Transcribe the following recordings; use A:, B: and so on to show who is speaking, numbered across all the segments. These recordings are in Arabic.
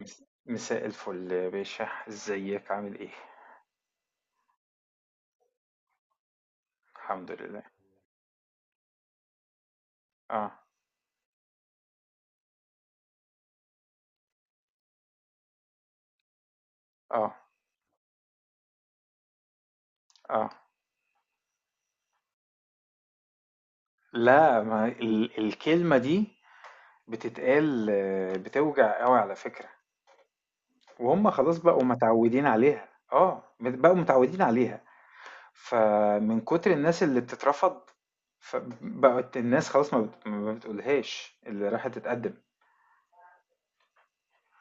A: مساء الفل يا باشا، ازيك عامل ايه؟ الحمد لله. اه. اه. اه. لا، ما الكلمة دي بتتقال، بتوجع قوي على فكرة. وهم خلاص بقوا متعودين عليها، اه بقوا متعودين عليها. فمن كتر الناس اللي بتترفض، فبقت الناس خلاص ما بتقولهاش، اللي راحت تتقدم،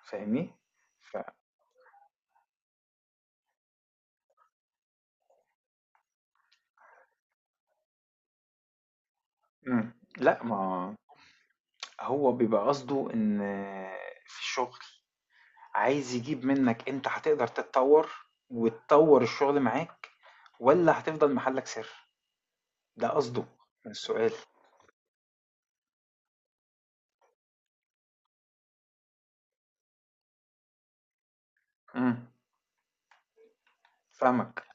A: فاهمني؟ ف... مم. لا، ما هو بيبقى قصده ان في الشغل عايز يجيب منك انت هتقدر تتطور وتطور الشغل معاك، ولا هتفضل محلك سر؟ ده قصده من السؤال. امم. فاهمك.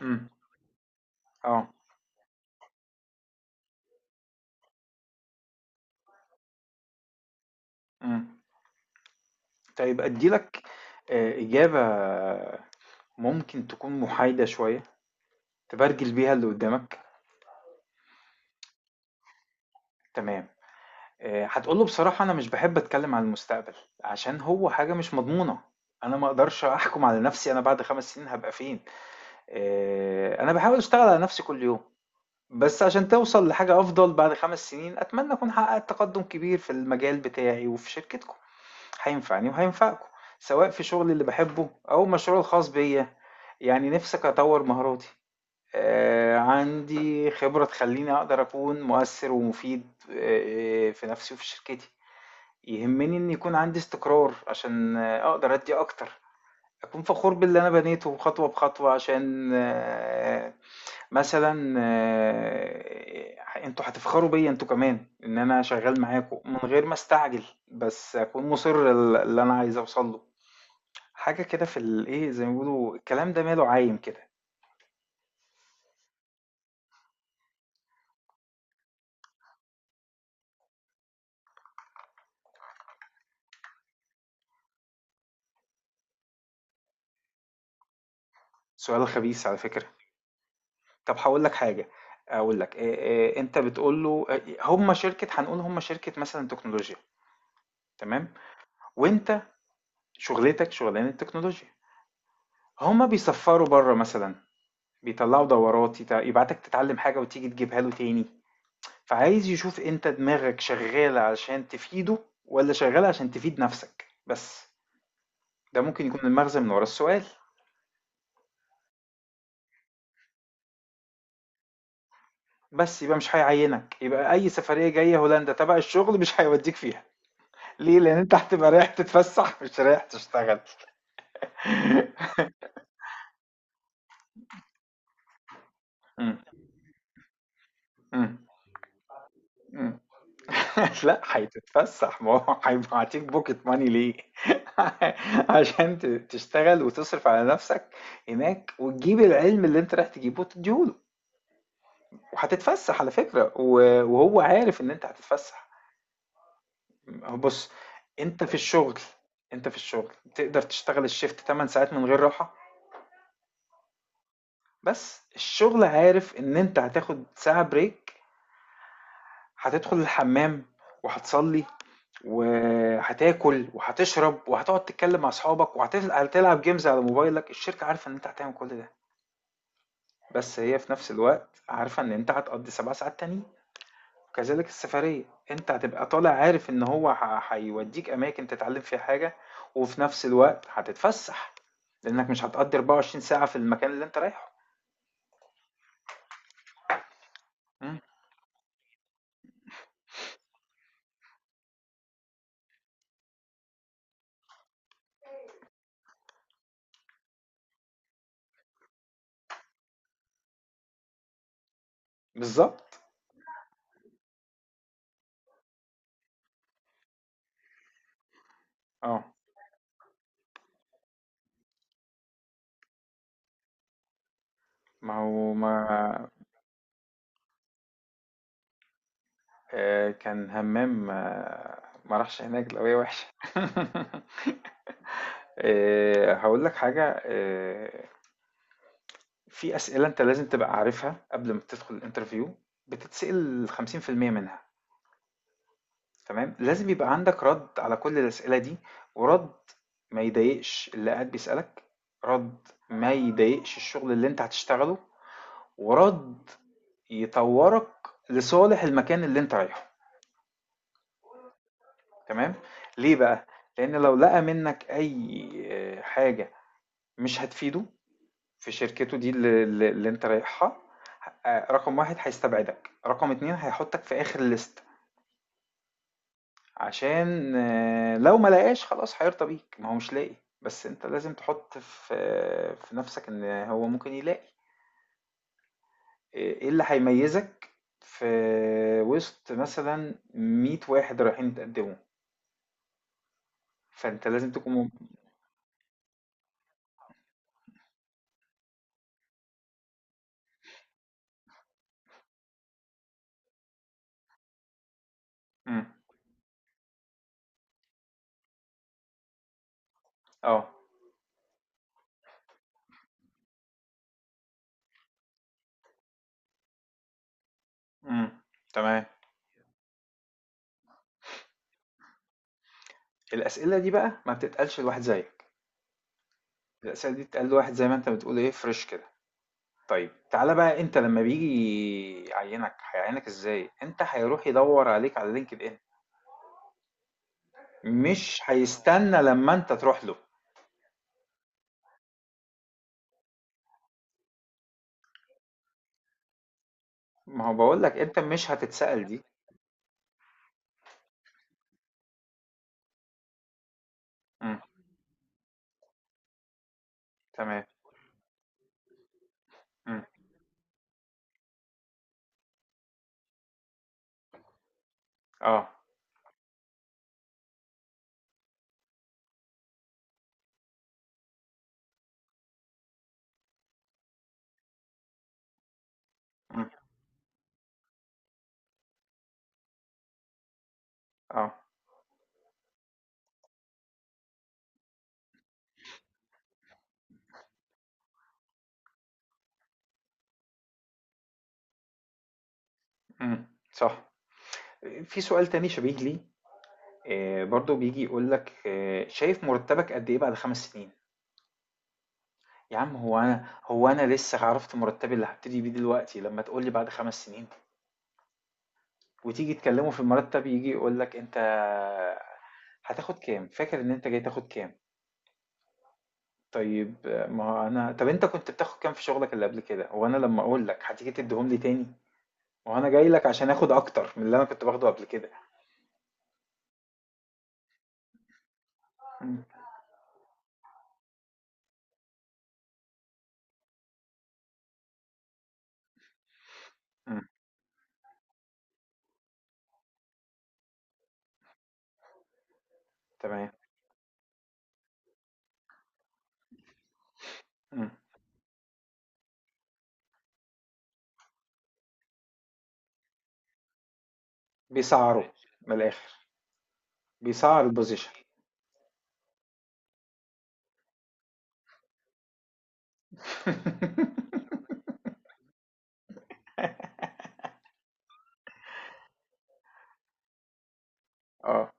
A: امم. اه. امم. طيب اديلك اجابة ممكن تكون محايدة شوية تبرجل بيها اللي قدامك. تمام. هتقوله بصراحة انا مش بحب اتكلم عن المستقبل، عشان هو حاجة مش مضمونة. انا ما اقدرش احكم على نفسي انا بعد 5 سنين هبقى فين. انا بحاول اشتغل على نفسي كل يوم، بس عشان توصل لحاجة أفضل. بعد 5 سنين أتمنى أكون حققت تقدم كبير في المجال بتاعي وفي شركتكم، هينفعني وهينفعكم، سواء في شغلي اللي بحبه أو مشروع الخاص بيا. يعني نفسك أطور مهاراتي. آه، عندي خبرة تخليني أقدر أكون مؤثر ومفيد، في نفسي وفي شركتي. يهمني إن يكون عندي استقرار عشان أقدر أدي أكتر. أكون فخور باللي أنا بنيته خطوة بخطوة عشان مثلًا أنتم هتفخروا بيّا أنتم كمان، إن أنا شغّال معاكم، من غير ما أستعجل، بس أكون مُصِر ل اللي أنا عايز أوصل له. حاجة كده في الإيه، زي ما بيقولوا الكلام ده ماله عايم كده. سؤال خبيث على فكرة. طب هاقول لك حاجة. أقول لك، أنت بتقول له، هم شركة، هنقول هم شركة مثلًا تكنولوجيا، تمام. وأنت شُغلتك شُغلانة تكنولوجيا، هم بيسفّروا برّه مثلًا، بيطلّعوا دورات، يبعتك تتعلّم حاجة وتيجي تجيبها له تاني. فعايز يشوف انت دماغك شغالة عشان تفيده ولا شغالة عشان تفيد نفسك بس. ده ممكن يكون المغزى من ورا السؤال. بس يبقى مش هيعينك، يبقى اي سفرية جاية هولندا تبع الشغل مش هيوديك فيها. ليه؟ لان انت هتبقى رايح تتفسح مش رايح تشتغل. م- م- م. لا، هتتفسح. ما هو هيبعتيك بوكيت ماني ليه؟ عشان تشتغل وتصرف على نفسك هناك، وتجيب العلم اللي انت رايح تجيبه وتديهوله. وهتتفسح على فكرة، وهو عارف ان انت هتتفسح. هو بص، انت في الشغل انت في الشغل تقدر تشتغل الشيفت 8 ساعات من غير راحة. بس الشغل عارف ان انت هتاخد ساعة بريك، هتدخل الحمام وهتصلي وهتاكل وهتشرب وهتقعد تتكلم مع اصحابك وهتلعب جيمز على موبايلك. الشركة عارفة ان انت هتعمل كل ده، بس هي في نفس الوقت عارفة ان انت هتقضي 7 ساعات تانيين. كذلك السفرية، انت هتبقى طالع عارف ان هو هيوديك اماكن تتعلم فيها حاجة، وفي نفس الوقت هتتفسح، لانك مش هتقضي 24 ساعة في المكان اللي انت رايحه. مم. بالظبط. اه. ما هو ما. آه، كان همام، ما راحش هناك لو هي وحشة. آه، هقول لك حاجة. في أسئلة أنت لازم تبقى عارفها قبل ما تدخل الانترفيو. بتتسأل 50% منها. تمام، لازم يبقى عندك رد على كل الأسئلة دي. ورد ما يضايقش اللي قاعد بيسألك، رد ما يضايقش الشغل اللي انت هتشتغله، ورد يطورك لصالح المكان اللي انت رايحه، تمام. ليه بقى؟ لأن لو لقى منك أي حاجة مش هتفيده في شركته دي اللي انت رايحها. رقم واحد هيستبعدك، رقم اتنين هيحطك في آخر الليست. عشان لو ما لقاش خلاص هيرضى بيك ما هو مش لاقي. بس انت لازم تحط في نفسك ان هو ممكن يلاقي. ايه اللي هيميزك في وسط مثلا 100 واحد رايحين يتقدموا. فانت لازم تكون مم. مم. اه. مم. تمام. الاسئله دي بقى ما بتتقالش لواحد زيك. الاسئله دي بتتقال لواحد زي ما انت بتقول ايه، فريش كده. طيب تعالى بقى، انت لما بيجي يعينك هيعينك ازاي؟ انت هيروح يدور عليك على لينكد ان، مش هيستنى لما انت تروح له. ما هو بقول لك انت مش هتتسأل دي. امم. تمام. امم. اه. امم. اه. امم. صح. في سؤال تاني شبيه لي. آه برضو بيجي يقول لك، آه شايف مرتبك قد ايه بعد 5 سنين. يا عم، هو انا لسه عرفت مرتبي اللي هبتدي بيه دلوقتي، لما تقول لي بعد 5 سنين. وتيجي تكلمه في المرتب يجي يقول لك انت هتاخد كام، فاكر ان انت جاي تاخد كام. طيب، ما هو أنا، طب أنت كنت بتاخد كام في شغلك اللي قبل كده؟ وأنا لما أقول لك هتيجي تديهم لي تاني؟ وأنا جاي لك عشان آخد أكتر من اللي أنا كنت باخده قبل كده. مم. مم. تمام. مم. بيسعروا. من الآخر بيسعر البوزيشن. اه.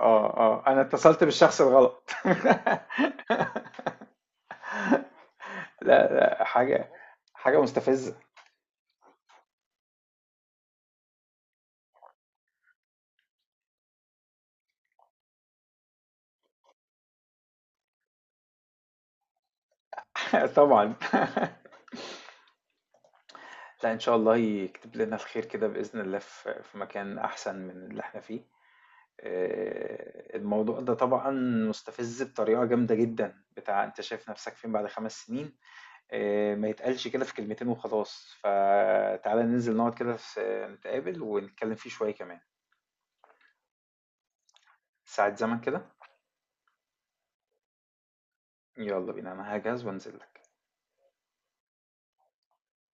A: اه. اه انا اتصلت بالشخص الغلط. لا لا، حاجه. حاجه مستفزه. طبعا. لا، ان شاء الله يكتب لنا الخير كده باذن الله، في مكان احسن من اللي احنا فيه. آه، الموضوع ده طبعا مستفز بطريقة جامدة جدا، بتاع انت شايف نفسك فين بعد 5 سنين. آه، ما يتقالش كده في كلمتين وخلاص. فتعالى ننزل نقعد كده نتقابل ونتكلم فيه شوية كمان ساعة زمن كده. يلا بينا انا هجهز وانزل لك